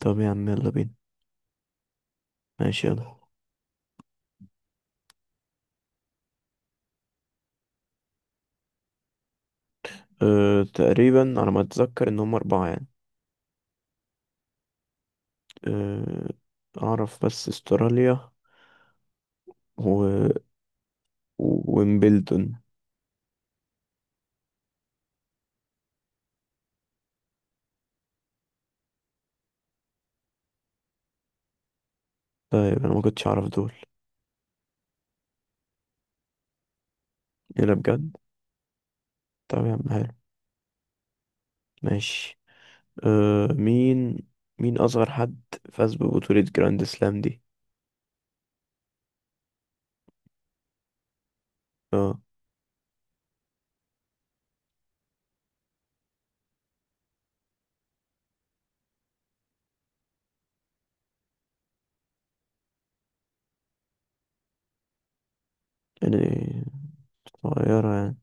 طب يا عم يلا بينا. ماشي يلا. تقريبا على ما اتذكر ان هم اربعة يعني. أه اعرف بس استراليا و... ويمبلدون. طيب انا ما كنتش اعرف دول. ايه ده بجد. طب يا عم حلو. ماشي. أه مين مين اصغر حد فاز ببطولة جراند سلام دي. اه يعني صغيرة يعني.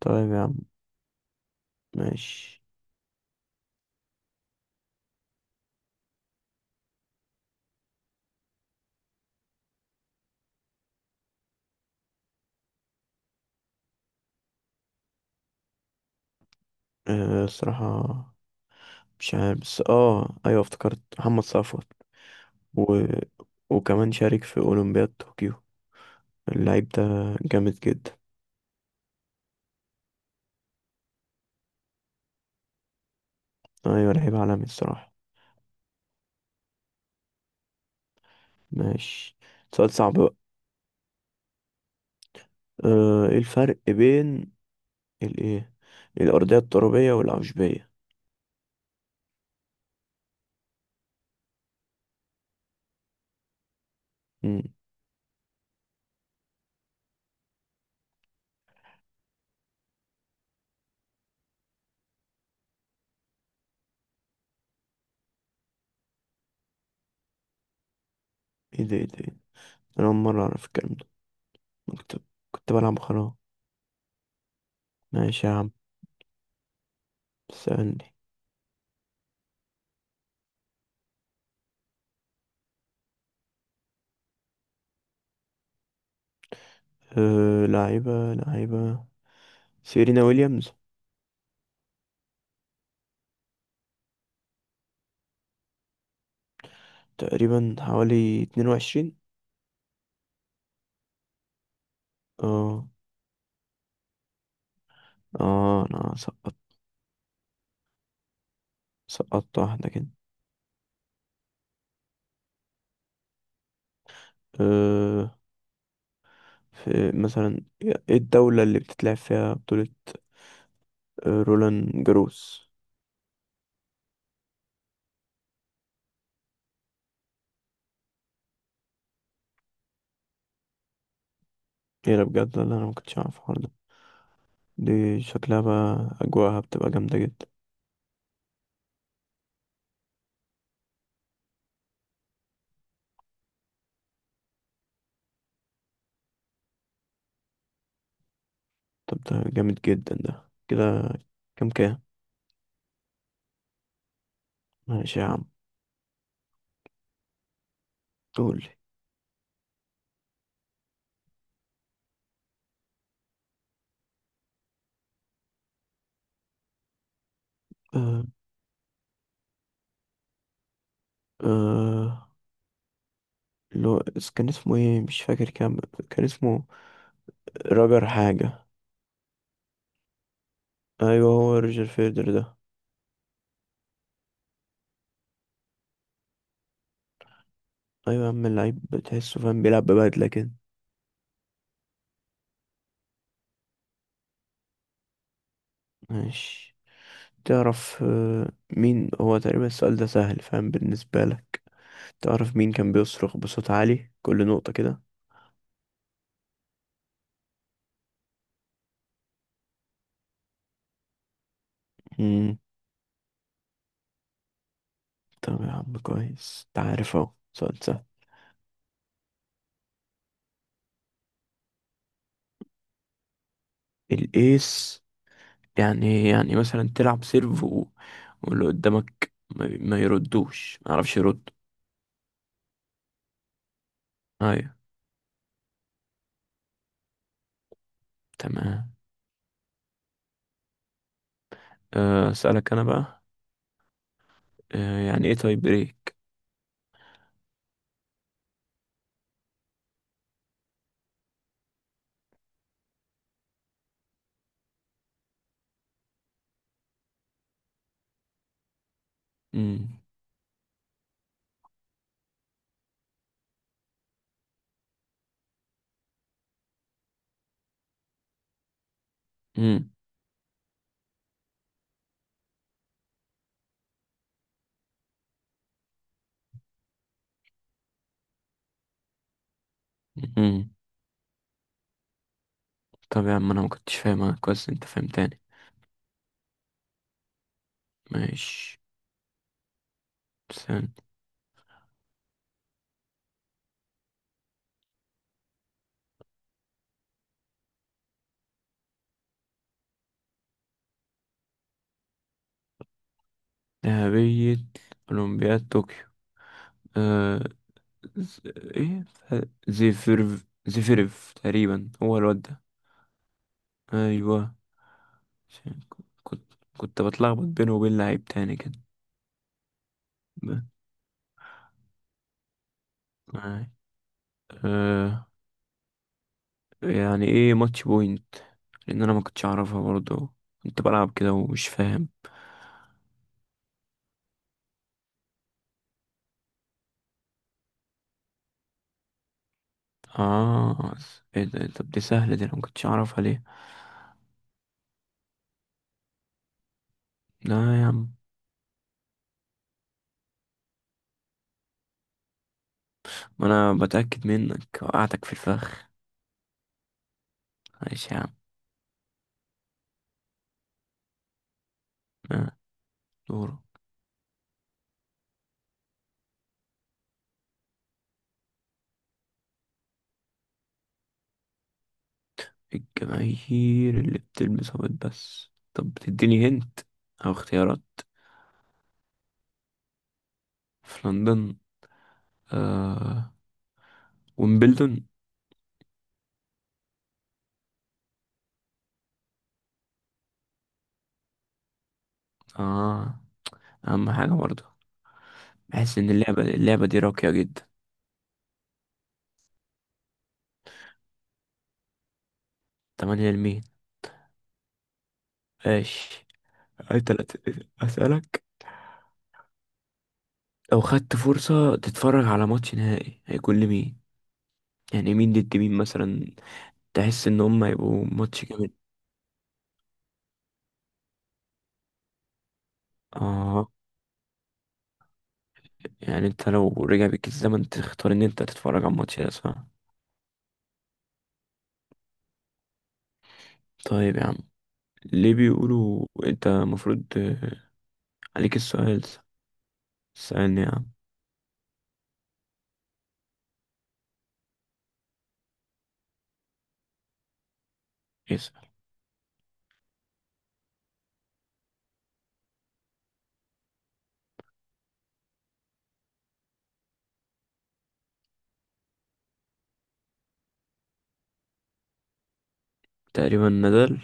طيب يا عم ماشي. الصراحة مش عارف، بس ايوه افتكرت محمد صفوت. و... وكمان شارك في أولمبياد طوكيو اللعيب ده، جامد جدا. أيوة لعيب عالمي الصراحة. ماشي. سؤال صعب بقى. ايه الفرق بين الايه الأرضية الترابية والعشبية؟ مم. ايه ده إيه ده؟ أنا أول مرة أعرف الكلام ده. أنا كنت بلعب خلاص. ماشي يا عم. سألني. لعيبة لعيبة، سيرينا ويليامز. تقريبا حوالي اتنين وعشرين. اه. اه أنا سقطت، سقطت واحدة كده. أه في مثلا ايه الدولة اللي بتتلعب فيها بطولة رولان جاروس؟ ايه ده بجد، ولا انا ما كنتش اعرف الحوار ده. دي شكلها بقى اجواءها بتبقى جامدة جدا. طب ده جامد جدا ده كده. كام كام؟ ماشي يا عم. قول لي. آه آه اللي هو كان اسمه ايه، مش فاكر. كان اسمه راجر حاجة. ايوه هو روجر فيدر ده. ايوه يا عم، اللعيب بتحسه فاهم بيلعب ببدلة كده. ماشي. تعرف مين هو تقريبا؟ السؤال ده سهل، فاهم بالنسبة لك. تعرف مين كان بيصرخ بصوت عالي كل نقطة كده؟ امم. طب يا عم كويس، انت عارف اهو، سؤال سهل. الايس يعني يعني مثلا تلعب سيرف واللي قدامك ما يردوش، ما يعرفش يرد. ايوه. تمام. اسألك انا بقى. يعني ايه تاي بريك؟ امم. امم. امم. طب يا عم انا ما كنتش فاهمها كويس، انت فهمتني. ماشي. سلام. ذهبية أولمبياد طوكيو. آه ز... إيه زيفيرف، تقريبا هو الواد ده. أيوه. عشان ك- كنت بتلخبط بينه وبين لعيب تاني كده. ب- آه. آه. يعني إيه ماتش بوينت؟ لأن أنا ما كنتش أعرفها برضه، كنت بلعب كده ومش فاهم. آه إيه ده، طب دي سهلة دي، أنا ما كنتش أعرفها ليه؟ لا يا عم، ما أنا بتأكد منك، وقعتك في الفخ. ماشي يا عم. آه. دورك. الجماهير اللي بتلبس أبيض بس؟ طب بتديني هنت أو اختيارات؟ في لندن. آه، ويمبلدون. اه أهم حاجة برضه. بحس إن اللعبة دي راقية جدا. تمانية لمين؟ ماشي. أنت لا ت- أسألك، لو خدت فرصة تتفرج على ماتش نهائي هيكون لمين؟ يعني مين ضد مين مثلا، تحس إن هم هيبقوا ماتش جامد؟ اه يعني انت لو رجع بيك الزمن تختار ان انت تتفرج على الماتش ده، صح؟ طيب يا عم، ليه بيقولوا انت المفروض عليك السؤال. سألني يا عم. اسأل. تقريبا نزل.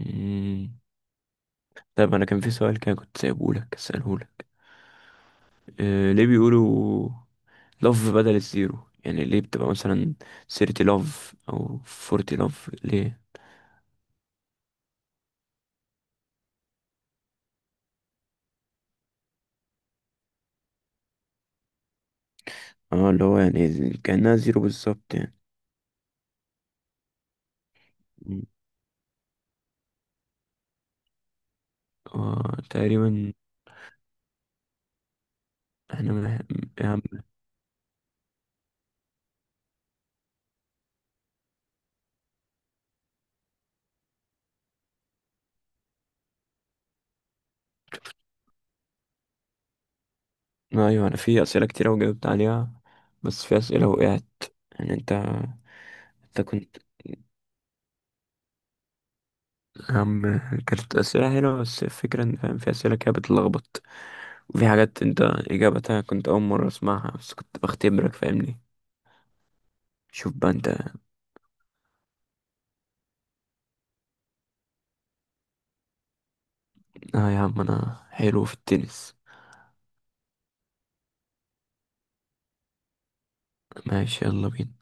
مم. طيب انا كان في سؤال كده كنت سايبه لك اساله لك. ليه بيقولوا لوف بدل الزيرو؟ يعني ليه بتبقى مثلا 30 لوف او 40 لوف، ليه؟ اه اللي هو يعني كأنها زيرو بالظبط يعني. مم. آه، تقريبا. احنا من... يعني... ايوه انا في اسئله كتير وجاوبت عليها، بس في اسئله وقعت. يعني انت انت كنت يا عم، كانت أسئلة حلوة، بس الفكرة إن فاهم، في أسئلة كده بتلخبط، وفي حاجات أنت إجابتها كنت أول مرة أسمعها، بس كنت بختبرك فاهمني. شوف بقى أنت، آه يا عم أنا حلو في التنس. ماشي يلا بينا.